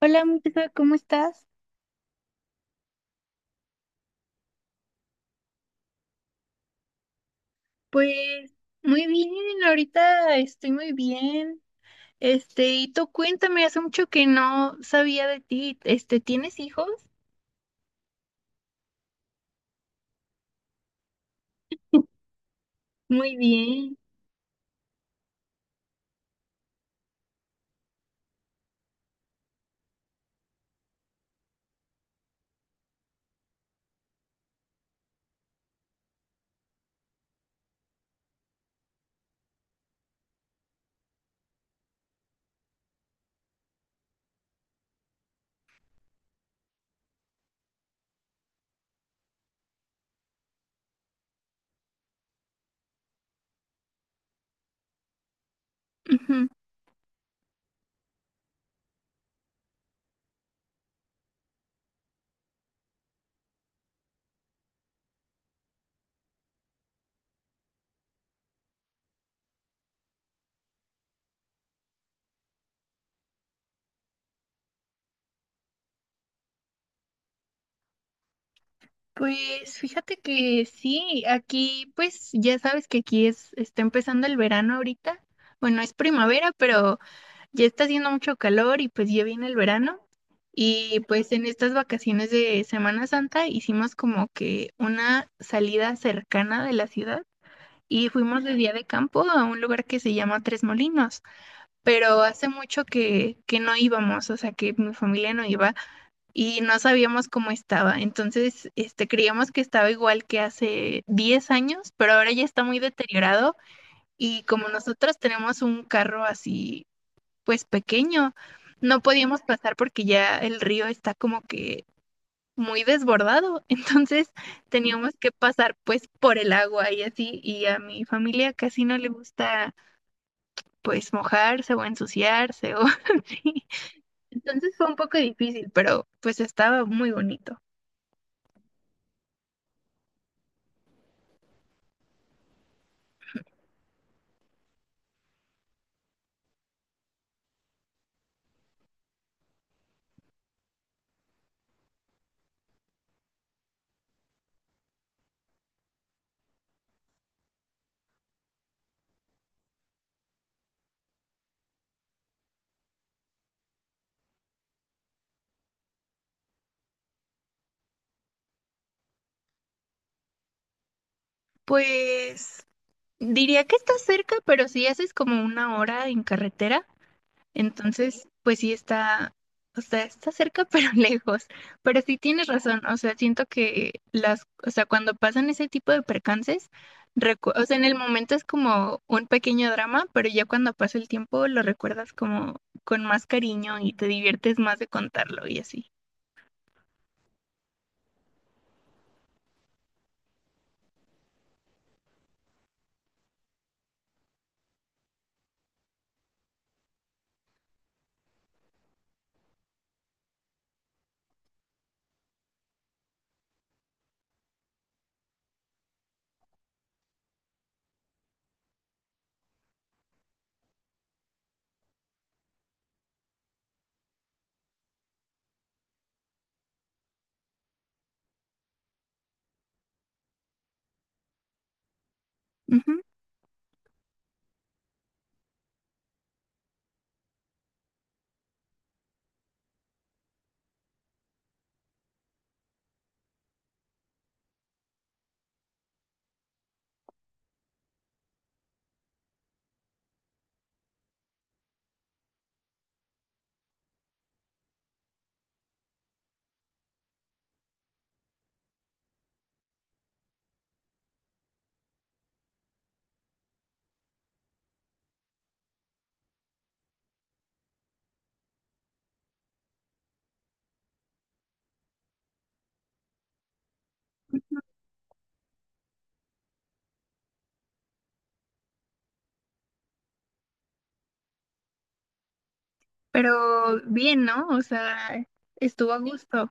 Hola, Montserrat, ¿cómo estás? Pues muy bien, ahorita estoy muy bien. Y tú cuéntame, hace mucho que no sabía de ti. ¿Tienes hijos? Muy bien. Ujú. Pues fíjate que sí, aquí pues ya sabes que aquí es, está empezando el verano ahorita. Bueno, es primavera, pero ya está haciendo mucho calor y pues ya viene el verano. Y pues en estas vacaciones de Semana Santa hicimos como que una salida cercana de la ciudad y fuimos de día de campo a un lugar que se llama Tres Molinos, pero hace mucho que no íbamos, o sea que mi familia no iba y no sabíamos cómo estaba. Entonces, creíamos que estaba igual que hace 10 años, pero ahora ya está muy deteriorado y como nosotros tenemos un carro así pues pequeño. No podíamos pasar porque ya el río está como que muy desbordado, entonces teníamos que pasar pues por el agua y así, y a mi familia casi no le gusta pues mojarse o ensuciarse o así. Entonces fue un poco difícil, pero pues estaba muy bonito. Pues diría que está cerca, pero si haces como una hora en carretera. Entonces, pues sí está, o sea, está cerca pero lejos. Pero sí tienes razón, o sea, siento que las, o sea, cuando pasan ese tipo de percances, o sea, en el momento es como un pequeño drama, pero ya cuando pasa el tiempo lo recuerdas como con más cariño y te diviertes más de contarlo y así. Ujú. Pero bien, ¿no? O sea, estuvo a gusto.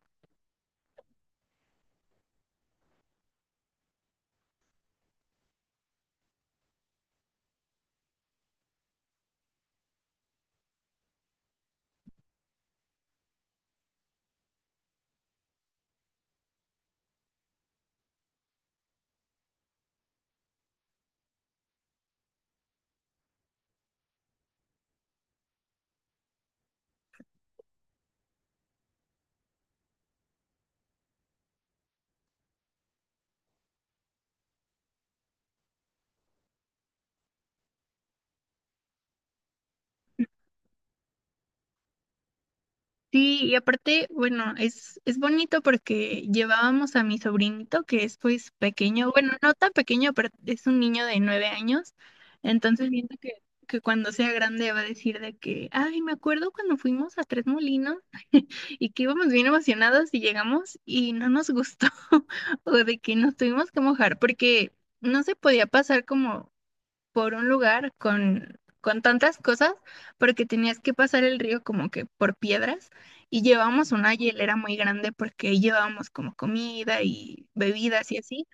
Sí, y aparte, bueno, es bonito porque llevábamos a mi sobrinito, que es pues pequeño, bueno, no tan pequeño, pero es un niño de 9 años, entonces siento que cuando sea grande va a decir de que, ay, me acuerdo cuando fuimos a Tres Molinos y que íbamos bien emocionados y llegamos y no nos gustó, o de que nos tuvimos que mojar, porque no se podía pasar como por un lugar con tantas cosas, porque tenías que pasar el río como que por piedras y llevábamos una hielera muy grande porque llevábamos como comida y bebidas y así.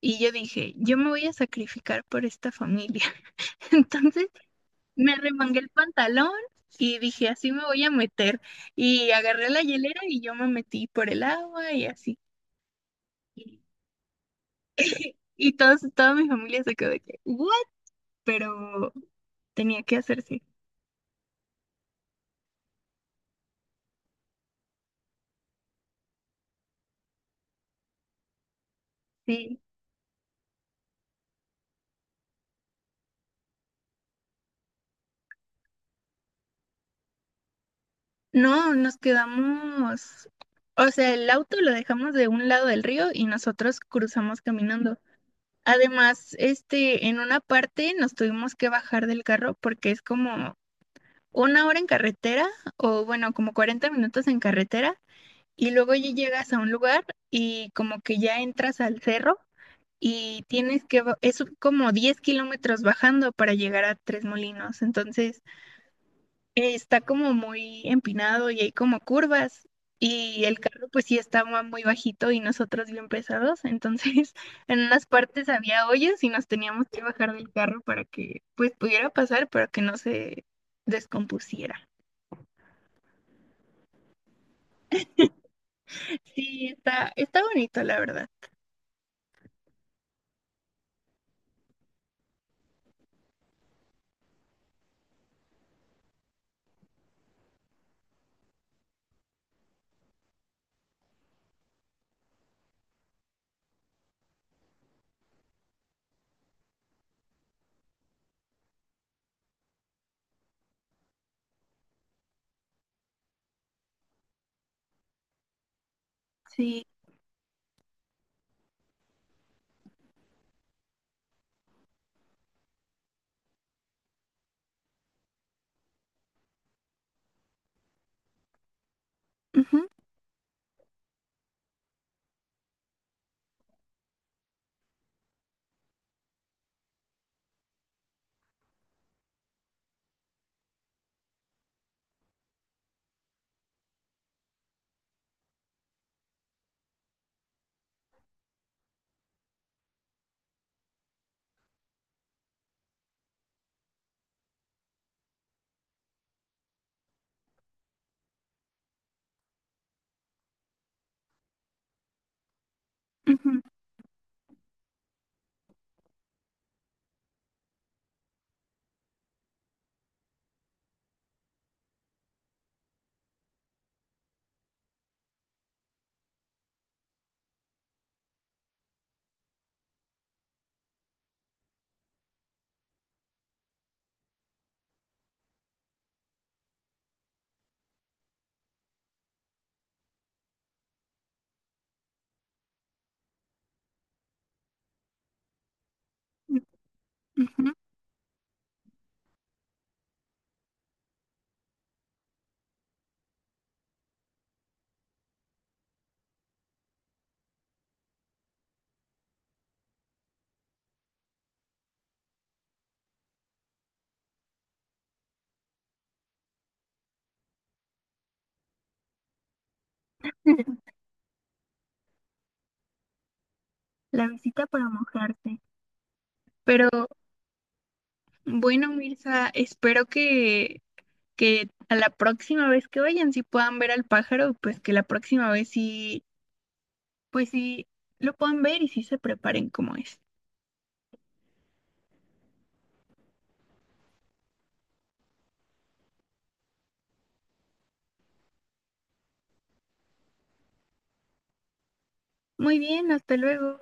Y yo dije, yo me voy a sacrificar por esta familia. Entonces me remangué el pantalón y dije, así me voy a meter. Y agarré la hielera y yo me metí por el agua y así. Y, y todos, toda mi familia se quedó de que, ¿what? Pero tenía que hacerse. Sí. No, nos quedamos, o sea, el auto lo dejamos de un lado del río y nosotros cruzamos caminando. Además, en una parte nos tuvimos que bajar del carro porque es como una hora en carretera o bueno, como 40 minutos en carretera y luego ya llegas a un lugar y como que ya entras al cerro y tienes que es como 10 kilómetros bajando para llegar a Tres Molinos. Entonces está como muy empinado y hay como curvas y el carro pues sí estaba muy bajito y nosotros bien pesados, entonces en unas partes había hoyos y nos teníamos que bajar del carro para que pues pudiera pasar, pero que no se descompusiera. Sí, está, está bonito, la verdad. Sí. Ujú, ujú, ujú, ujú. La visita para mojarte. Pero bueno, Mirza, espero que a la próxima vez que vayan, si puedan ver al pájaro, pues que la próxima vez sí, pues sí lo puedan ver y sí se preparen como es. Muy bien, hasta luego.